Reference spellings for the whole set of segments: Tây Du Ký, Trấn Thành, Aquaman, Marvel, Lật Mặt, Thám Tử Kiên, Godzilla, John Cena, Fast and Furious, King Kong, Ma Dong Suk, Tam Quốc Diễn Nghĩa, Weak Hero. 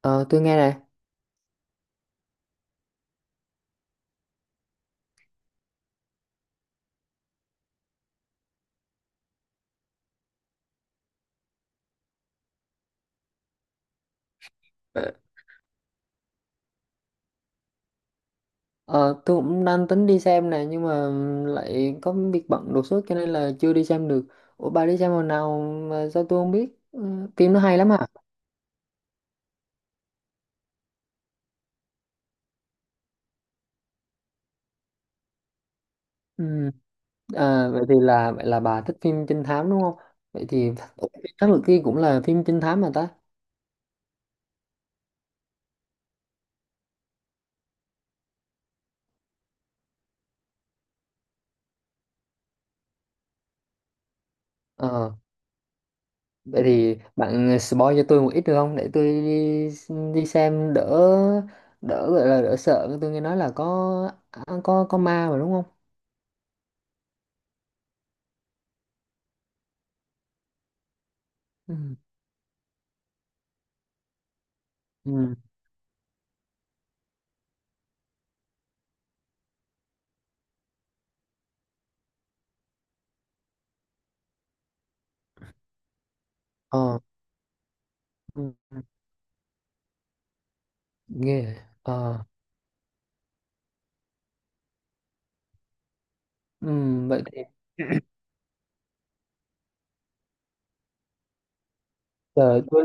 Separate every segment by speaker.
Speaker 1: Ờ, tôi nghe này. Ờ, tôi cũng đang tính đi xem này nhưng mà lại có việc bận đột xuất cho nên là chưa đi xem được. Ủa, bà đi xem hồi nào mà sao tôi không biết? Ừ, phim nó hay lắm hả? Ừ. À, vậy là bà thích phim trinh thám đúng không? Vậy thì. Ủa, Thám Tử Kiên cũng là phim trinh thám mà ta. Ờ, vậy thì bạn spoil cho tôi một ít được không, để tôi đi đi xem đỡ đỡ gọi là đỡ sợ. Tôi nghe nói là có ma mà đúng không? Ừ. Ừ. Ờ. Ừ. Ghê vậy. Ờ. Vậy thì trời tôi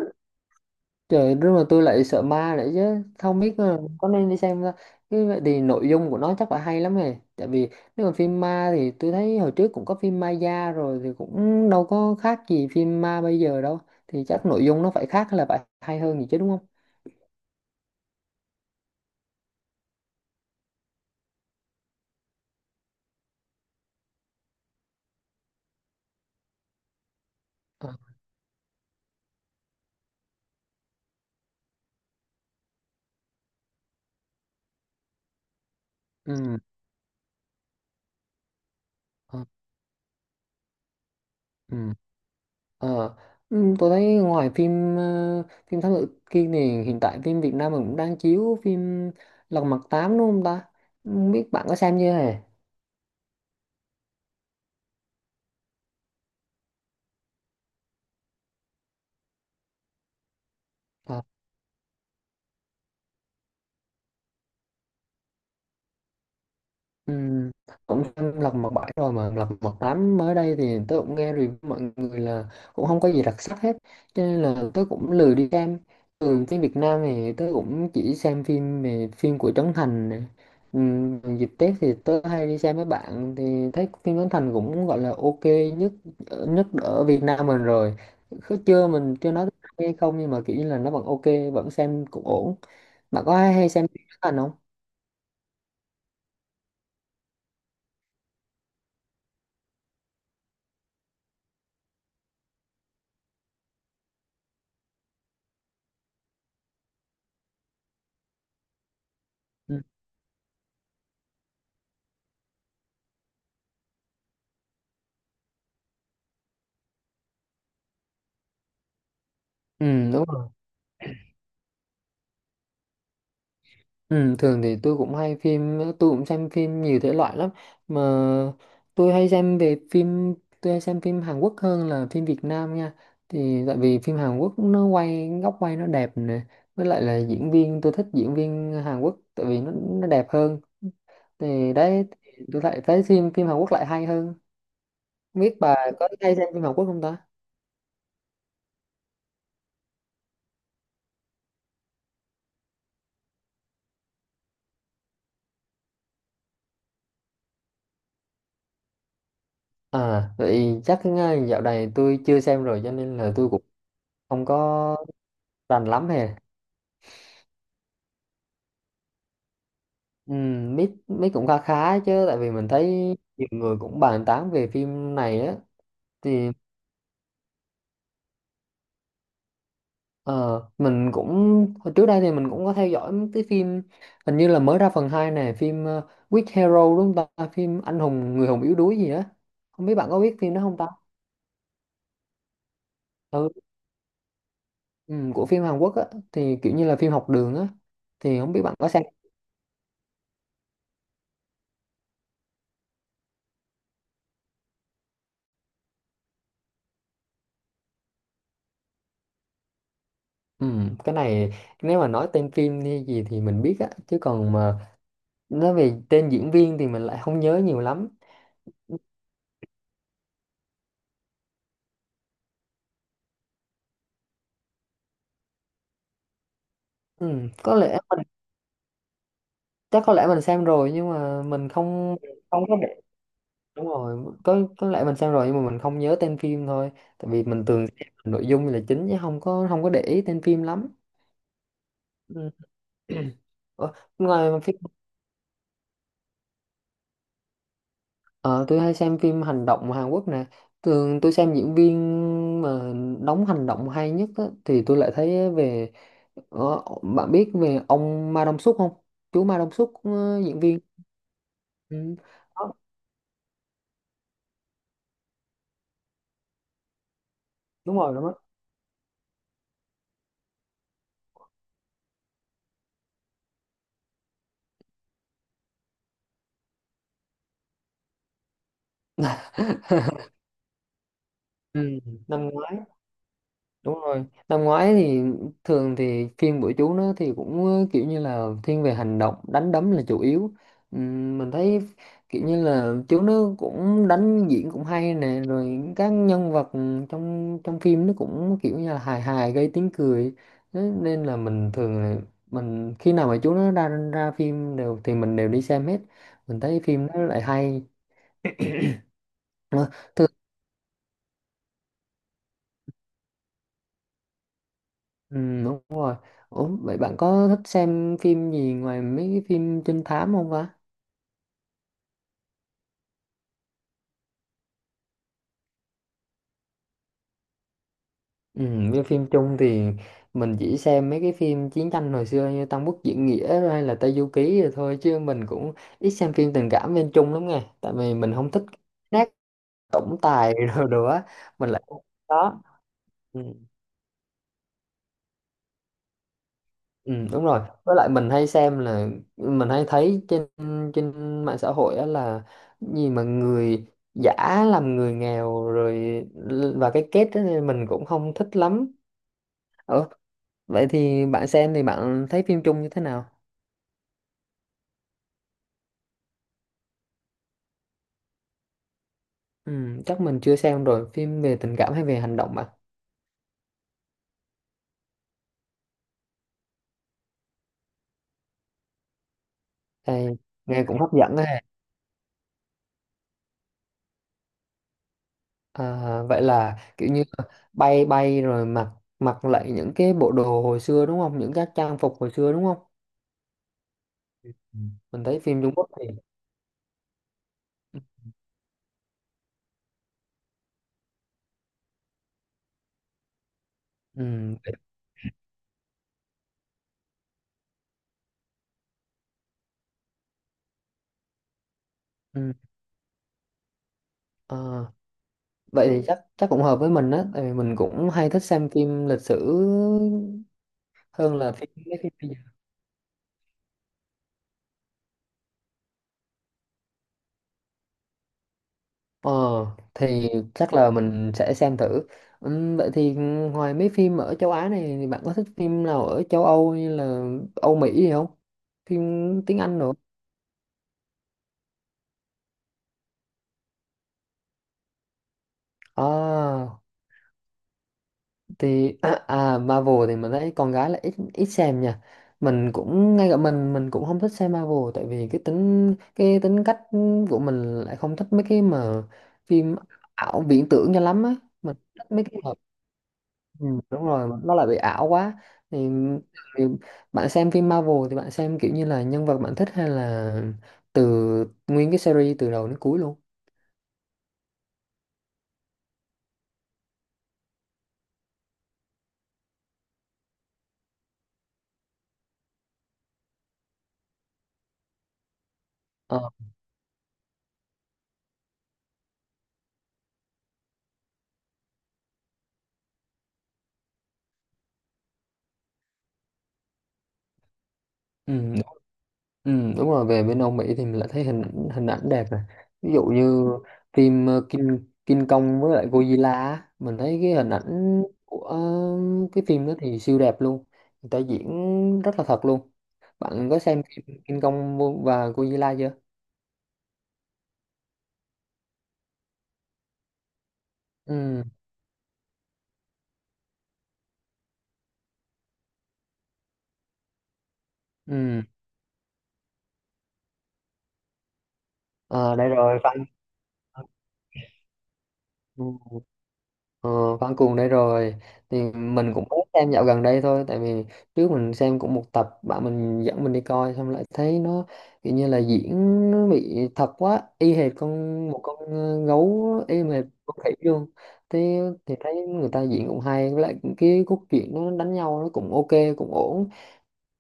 Speaker 1: trời, nhưng mà tôi lại sợ ma lại chứ không biết là có nên đi xem không ta. Cái vậy thì nội dung của nó chắc phải hay lắm này, tại vì nếu mà phim ma thì tôi thấy hồi trước cũng có phim Maya rồi thì cũng đâu có khác gì phim ma bây giờ đâu. Thì chắc nội dung nó phải khác hay là phải hay hơn gì chứ đúng không? Ờ. ừm, ờ, ừm. Ờ, tôi thấy ngoài phim Thám Tử Kiên này, hiện tại phim Việt Nam mình cũng đang chiếu phim Lật Mặt 8 đúng không ta? Không biết bạn có xem chưa hề? Ờ. Ừ, cũng xem lật mặt bảy rồi, mà lật mặt tám mới đây thì tôi cũng nghe review mọi người là cũng không có gì đặc sắc hết, cho nên là tôi cũng lười đi xem. Thường phim Việt Nam thì tôi cũng chỉ xem phim về phim của Trấn Thành nè. Ừ, dịp Tết thì tôi hay đi xem với bạn thì thấy phim Trấn Thành cũng gọi là ok nhất, nhất ở Việt Nam mình rồi. Cứ chưa mình chưa nói hay không, nhưng mà kiểu như là nó vẫn ok, vẫn xem cũng ổn. Bạn có hay xem phim Trấn Thành không? Ừ. Ừ, đúng rồi. Ừ, thường thì tôi cũng xem phim nhiều thể loại lắm. Mà tôi hay xem về phim Tôi hay xem phim Hàn Quốc hơn là phim Việt Nam nha. Thì tại vì phim Hàn Quốc nó quay góc quay nó đẹp nè, với lại là diễn viên, tôi thích diễn viên Hàn Quốc tại vì nó đẹp hơn. Thì đấy, thì tôi lại thấy phim phim Hàn Quốc lại hay hơn. Không biết bà có hay xem phim Hàn Quốc không ta? À, vậy chắc ngay dạo này tôi chưa xem rồi, cho nên là tôi cũng không có rành lắm hè. Ừ, biết biết cũng khá khá chứ, tại vì mình thấy nhiều người cũng bàn tán về phim này á. Thì ờ, mình cũng hồi trước đây thì mình cũng có theo dõi mấy cái phim, hình như là mới ra phần 2 này, phim Weak Hero đúng không ta, phim anh hùng người hùng yếu đuối gì á. Không biết bạn có biết phim đó không ta? Ừ, ừ, của phim Hàn Quốc á, thì kiểu như là phim học đường á, thì không biết bạn có xem. Ừ, cái này nếu mà nói tên phim hay gì thì mình biết á, chứ còn mà nói về tên diễn viên thì mình lại không nhớ nhiều lắm. Ừ, có lẽ mình, chắc có lẽ mình xem rồi nhưng mà mình không, không có để. Đúng rồi, có lẽ mình xem rồi nhưng mà mình không nhớ tên phim thôi, tại vì mình thường xem nội dung là chính chứ không có để ý tên phim lắm. Ừ. Ủa, ngoài mà phim ờ, tôi hay xem phim hành động Hàn Quốc nè. Thường tôi xem diễn viên mà đóng hành động hay nhất á, thì tôi lại thấy bạn biết về ông Ma Dong Suk không? Chú Ma Dong Suk diễn viên. Ừ. Đó, đúng rồi đó. Ừ, năm ngoái, đúng rồi năm ngoái thì, thường thì phim của chú nó thì kiểu như là thiên về hành động đánh đấm là chủ yếu. Mình thấy kiểu như là chú nó cũng đánh diễn cũng hay nè, rồi các nhân vật trong trong phim nó cũng kiểu như là hài hài gây tiếng cười. Thế nên là mình thường là mình khi nào mà chú nó ra ra phim đều thì mình đều đi xem hết, mình thấy phim nó lại hay. Ờ. Ừ, đúng rồi. Ủa, vậy bạn có thích xem phim gì ngoài mấy cái phim trinh thám không ta? Ừ, với phim chung thì mình chỉ xem mấy cái phim chiến tranh hồi xưa như Tam Quốc Diễn Nghĩa rồi hay là Tây Du Ký rồi thôi, chứ mình cũng ít xem phim tình cảm bên chung lắm nghe. Tại vì mình không thích nát tổng tài rồi đồ á, mình lại không thích đó. Ừ. Ừ, đúng rồi. Với lại mình hay xem là mình hay thấy trên trên mạng xã hội á, là gì mà người giả làm người nghèo rồi và cái kết đó nên mình cũng không thích lắm. Ờ, vậy thì bạn xem thì bạn thấy phim chung như thế nào? Ừ, chắc mình chưa xem rồi, phim về tình cảm hay về hành động bạn? Đây, nghe cũng hấp dẫn ha. À, vậy là kiểu như bay bay rồi mặc mặc lại những cái bộ đồ hồi xưa đúng không? Những các trang phục hồi xưa đúng không? Ừ. Mình thấy phim Trung Quốc thì ừ, vậy, ừ, ờ, vậy thì chắc chắc cũng hợp với mình á, tại vì mình cũng hay thích xem phim lịch sử hơn là mấy phim bây giờ. Ờ, thì chắc là mình sẽ xem thử. Ừ, vậy thì ngoài mấy phim ở châu Á này thì bạn có thích phim nào ở châu Âu như là Âu Mỹ gì không, phim tiếng Anh nữa? À thì Marvel thì mình thấy con gái là ít ít xem nha. Mình cũng Ngay cả mình cũng không thích xem Marvel, tại vì cái tính cách của mình lại không thích mấy cái mà phim ảo viễn tưởng cho lắm á. Mình thích mấy cái mà, ừ, đúng rồi, mà nó lại bị ảo quá. thì, thì bạn xem phim Marvel thì bạn xem kiểu như là nhân vật bạn thích, hay là từ nguyên cái series từ đầu đến cuối luôn? Ờ, ừ. Ừ, đúng rồi, về bên Âu Mỹ thì mình lại thấy hình hình ảnh đẹp này. Ví dụ như phim King King Kong với lại Godzilla á, mình thấy cái hình ảnh cái phim đó thì siêu đẹp luôn, người ta diễn rất là thật luôn. Bạn có xem phim King Kong và Godzilla chưa? Ừ, ừ. À, đây rồi fan. Ừ. Ờ, Văn Cuồng đây rồi, thì mình cũng mới xem dạo gần đây thôi, tại vì trước mình xem cũng một tập bạn mình dẫn mình đi coi, xong lại thấy nó kiểu như là diễn nó bị thật quá, y hệt con gấu, y hệt con khỉ luôn. Thế thì thấy người ta diễn cũng hay, với lại cái cốt truyện nó đánh nhau nó cũng ok, cũng ổn.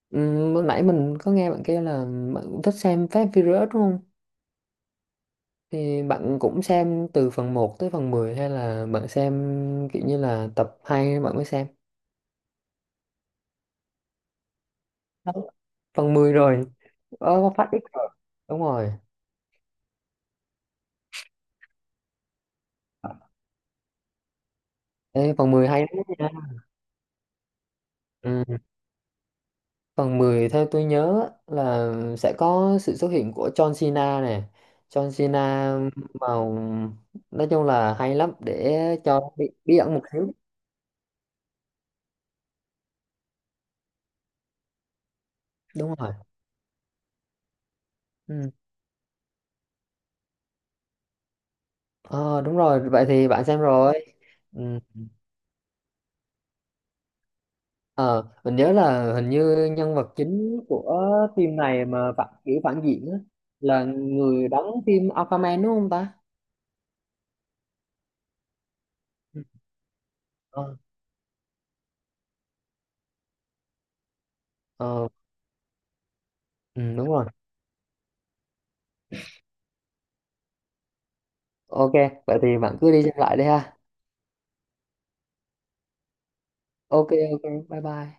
Speaker 1: Ừ, lúc nãy mình có nghe bạn kia là bạn cũng thích xem Fast and Furious đúng không? Thì bạn cũng xem từ phần một tới phần 10 hay là bạn xem kiểu như là tập 2 bạn mới xem? Không. Phần 10 rồi. Ờ, phát ít rồi. Đúng rồi. Ê, phần 10 hay lắm nha. Ừ. Phần 10 theo tôi nhớ á, là sẽ có sự xuất hiện của John Cena nè. John Cena vào, nói chung là hay lắm, để cho bí bí ẩn một xíu. Đúng rồi. Ừ. Ờ, đúng rồi. Vậy thì bạn xem rồi. Ừ. Ờ, mình nhớ là hình như nhân vật chính của phim này mà phản diện á, là người đóng phim Aquaman đúng không ta? Ờ, ờ, ừ, đúng rồi. Ok, vậy thì bạn cứ đi xem lại đi ha. Ok, ok, bye bye.